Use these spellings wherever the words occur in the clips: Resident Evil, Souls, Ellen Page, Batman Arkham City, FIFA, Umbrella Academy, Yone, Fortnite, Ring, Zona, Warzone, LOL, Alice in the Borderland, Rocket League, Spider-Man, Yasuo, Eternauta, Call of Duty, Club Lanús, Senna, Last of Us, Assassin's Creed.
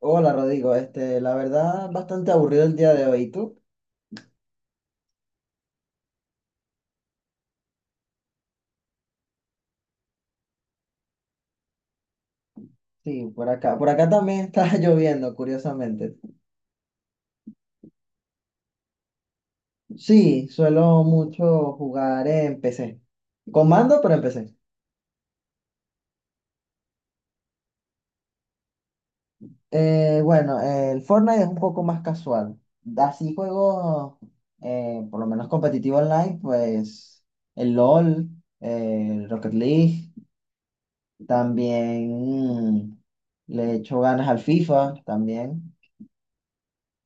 Hola Rodrigo, la verdad, bastante aburrido el día de hoy. ¿Y tú? Sí, por acá. Por acá también está lloviendo, curiosamente. Sí, suelo mucho jugar en PC. Con mando, pero en PC. Bueno, el Fortnite es un poco más casual. Así juegos, por lo menos competitivo online, pues el LOL, el Rocket League, también, mm, le echo ganas al FIFA, también.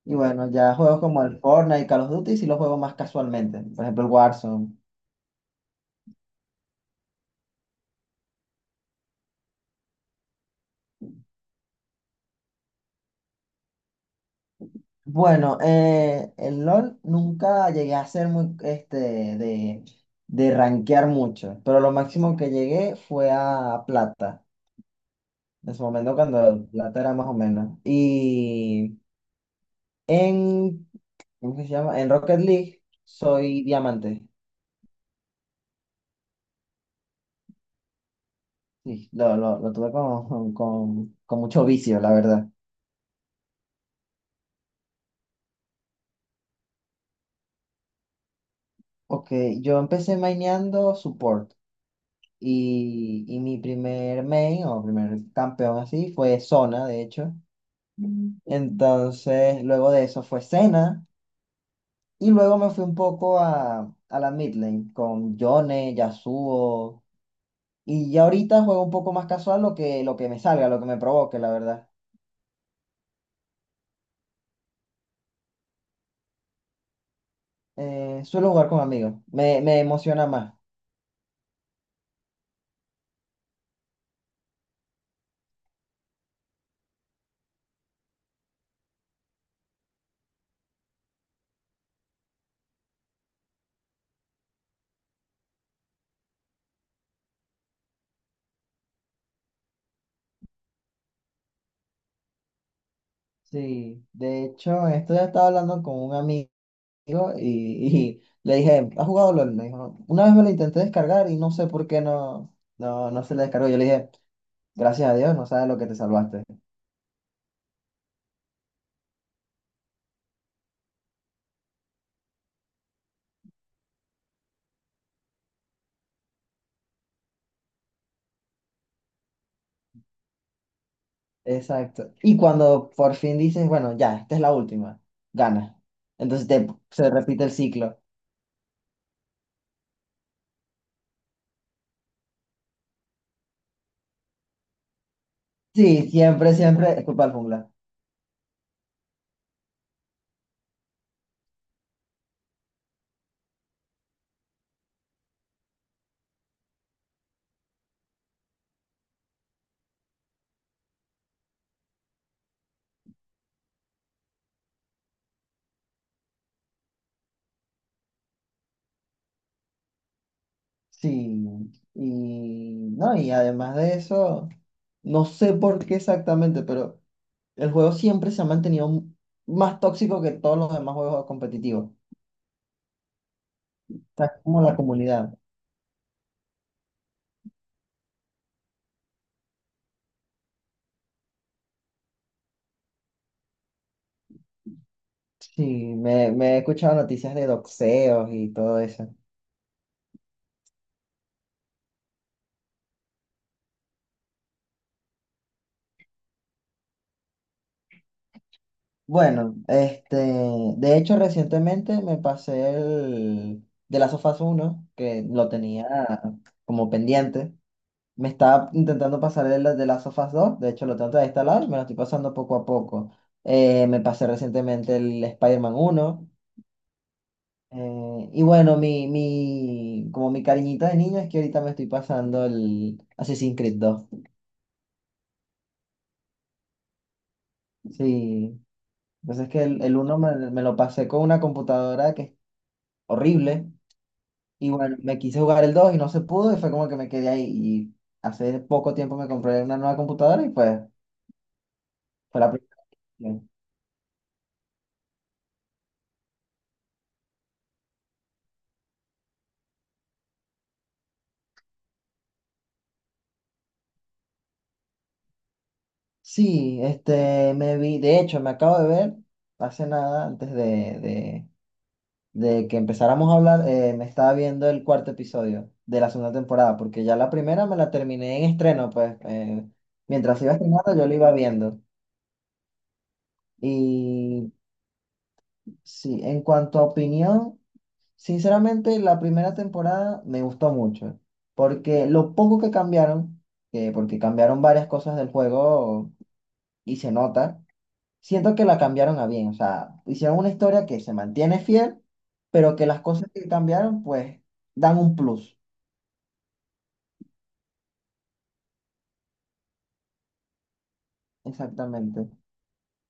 Y bueno, ya juegos como el Fortnite y Call of Duty sí los juego más casualmente. Por ejemplo, el Warzone. Bueno, el LOL nunca llegué a ser muy, de, de rankear mucho, pero lo máximo que llegué fue a plata. En su momento cuando plata era más o menos. Y en, ¿cómo que se llama? En Rocket League soy diamante. Sí, lo tuve con, con mucho vicio, la verdad. Ok, yo empecé maineando support. Y mi primer main o primer campeón así fue Zona, de hecho. Mm. Entonces, luego de eso fue Senna. Y luego me fui un poco a la mid lane con Yone, Yasuo. Y ya ahorita juego un poco más casual lo que me salga, lo que me provoque, la verdad. Suelo jugar con amigos. Me emociona más. Sí. De hecho, esto ya estaba hablando con un amigo. Y le dije, ¿has jugado LOL? Me dijo, una vez me lo intenté descargar y no sé por qué no se le descargó. Yo le dije, gracias a Dios, no sabes lo que te salvaste. Exacto. Y cuando por fin dices, bueno, ya, esta es la última, gana. Entonces se repite el ciclo. Sí, siempre, siempre es culpa del jungla. Sí, y no, y además de eso, no sé por qué exactamente, pero el juego siempre se ha mantenido más tóxico que todos los demás juegos competitivos. Está como la comunidad. Sí, me he escuchado noticias de doxeos y todo eso. Bueno, de hecho recientemente me pasé el de Last of Us 1, que lo tenía como pendiente. Me estaba intentando pasar el de Last of Us 2, de hecho lo tengo todavía instalado y me lo estoy pasando poco a poco. Me pasé recientemente el Spider-Man 1. Y bueno, como mi cariñito de niño es que ahorita me estoy pasando el Assassin's Creed 2. Sí. Entonces que el uno me lo pasé con una computadora que es horrible. Y bueno, me quise jugar el 2 y no se pudo y fue como que me quedé ahí. Y hace poco tiempo me compré una nueva computadora y pues fue la primera opción. Sí, me vi, de hecho, me acabo de ver hace nada, antes de, de que empezáramos a hablar, me estaba viendo el cuarto episodio de la segunda temporada, porque ya la primera me la terminé en estreno, pues mientras iba estrenando yo lo iba viendo. Y sí, en cuanto a opinión, sinceramente la primera temporada me gustó mucho, porque lo poco que cambiaron, porque cambiaron varias cosas del juego y se nota, siento que la cambiaron a bien, o sea, hicieron una historia que se mantiene fiel, pero que las cosas que cambiaron pues dan un plus, exactamente.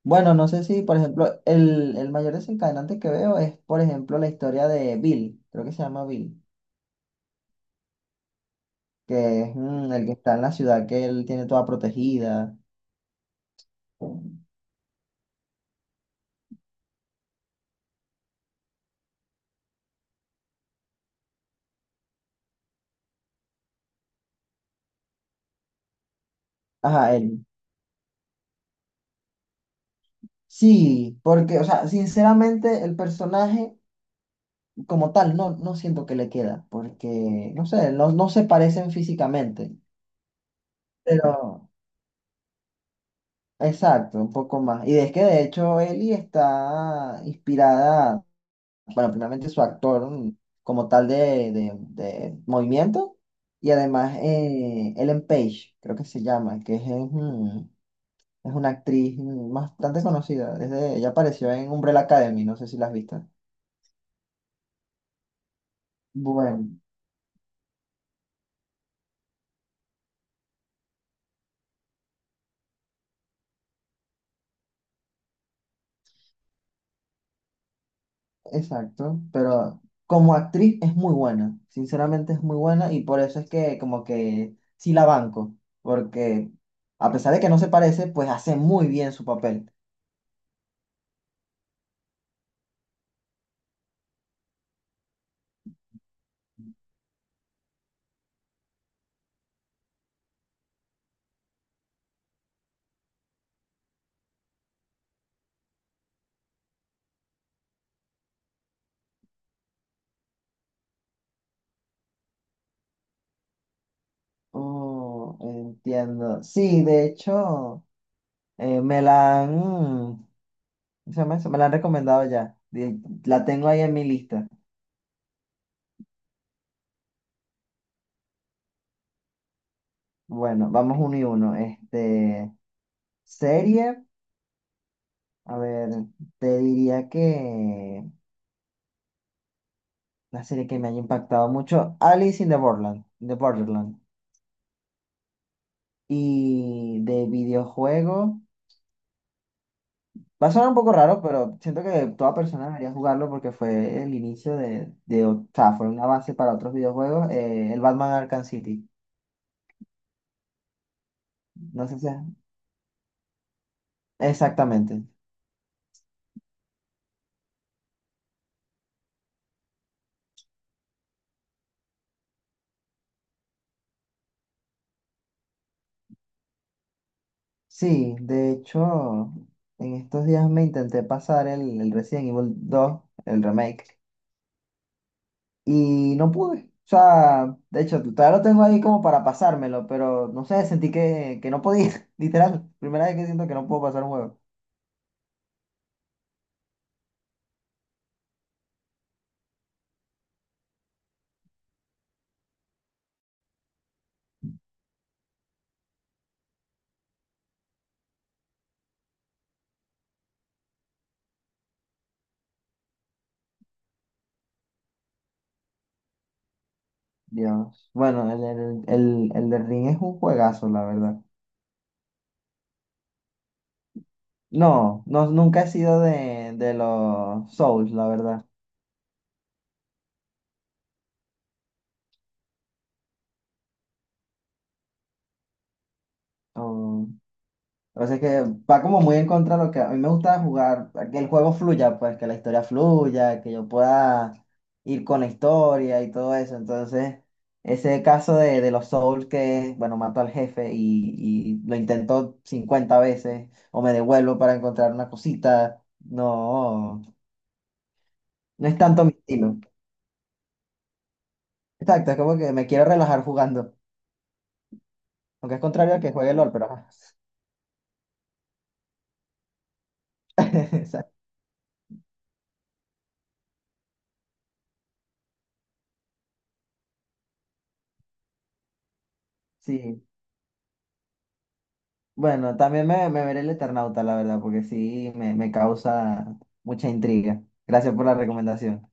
Bueno, no sé si, por ejemplo, el mayor desencadenante que veo es, por ejemplo, la historia de Bill, creo que se llama Bill. Que es el que está en la ciudad que él tiene toda protegida. Ajá, él. Sí, porque, o sea, sinceramente el personaje como tal no siento que le queda, porque, no sé, no se parecen físicamente, pero exacto, un poco más. Y es que de hecho Ellie está inspirada, bueno, primeramente su actor como tal de movimiento, y además Ellen Page, creo que se llama, es una actriz bastante conocida. Ella apareció en Umbrella Academy, no sé si la has visto. Bueno, exacto, pero como actriz es muy buena, sinceramente es muy buena y por eso es que como que sí la banco, porque a pesar de que no se parece, pues hace muy bien su papel. Oh, entiendo. Sí, de hecho, me la han, ¿cómo se llama eso? Me la han recomendado ya. La tengo ahí en mi lista. Bueno, vamos uno y uno. Serie. A ver, te diría que la serie que me haya impactado mucho, Alice in the Borderland. Y de videojuego, va a sonar un poco raro, pero siento que toda persona debería jugarlo porque fue el inicio o sea, fue una base para otros videojuegos, el Batman Arkham City. No sé si Exactamente. Sí, de hecho, en estos días me intenté pasar el Resident Evil 2 el remake. Y no pude. O sea, de hecho, todavía lo tengo ahí como para pasármelo, pero no sé, sentí que no podía, literal. Primera vez que siento que no puedo pasar un juego. Dios. Bueno, el de Ring es un juegazo, la verdad. No, no, nunca he sido de los Souls, la verdad. No, o sea, es que va como muy en contra de lo que a mí me gusta jugar, que el juego fluya, pues que la historia fluya, que yo pueda ir con la historia y todo eso. Entonces, ese caso de los Souls que, bueno, mato al jefe y lo intento 50 veces o me devuelvo para encontrar una cosita, no, no es tanto mi estilo. Exacto, es como que me quiero relajar jugando, aunque es contrario a que juegue LOL, pero ajá. Exacto. Sí. Bueno, también me veré el Eternauta, la verdad, porque sí me causa mucha intriga. Gracias por la recomendación.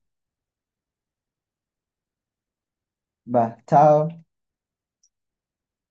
Va, chao.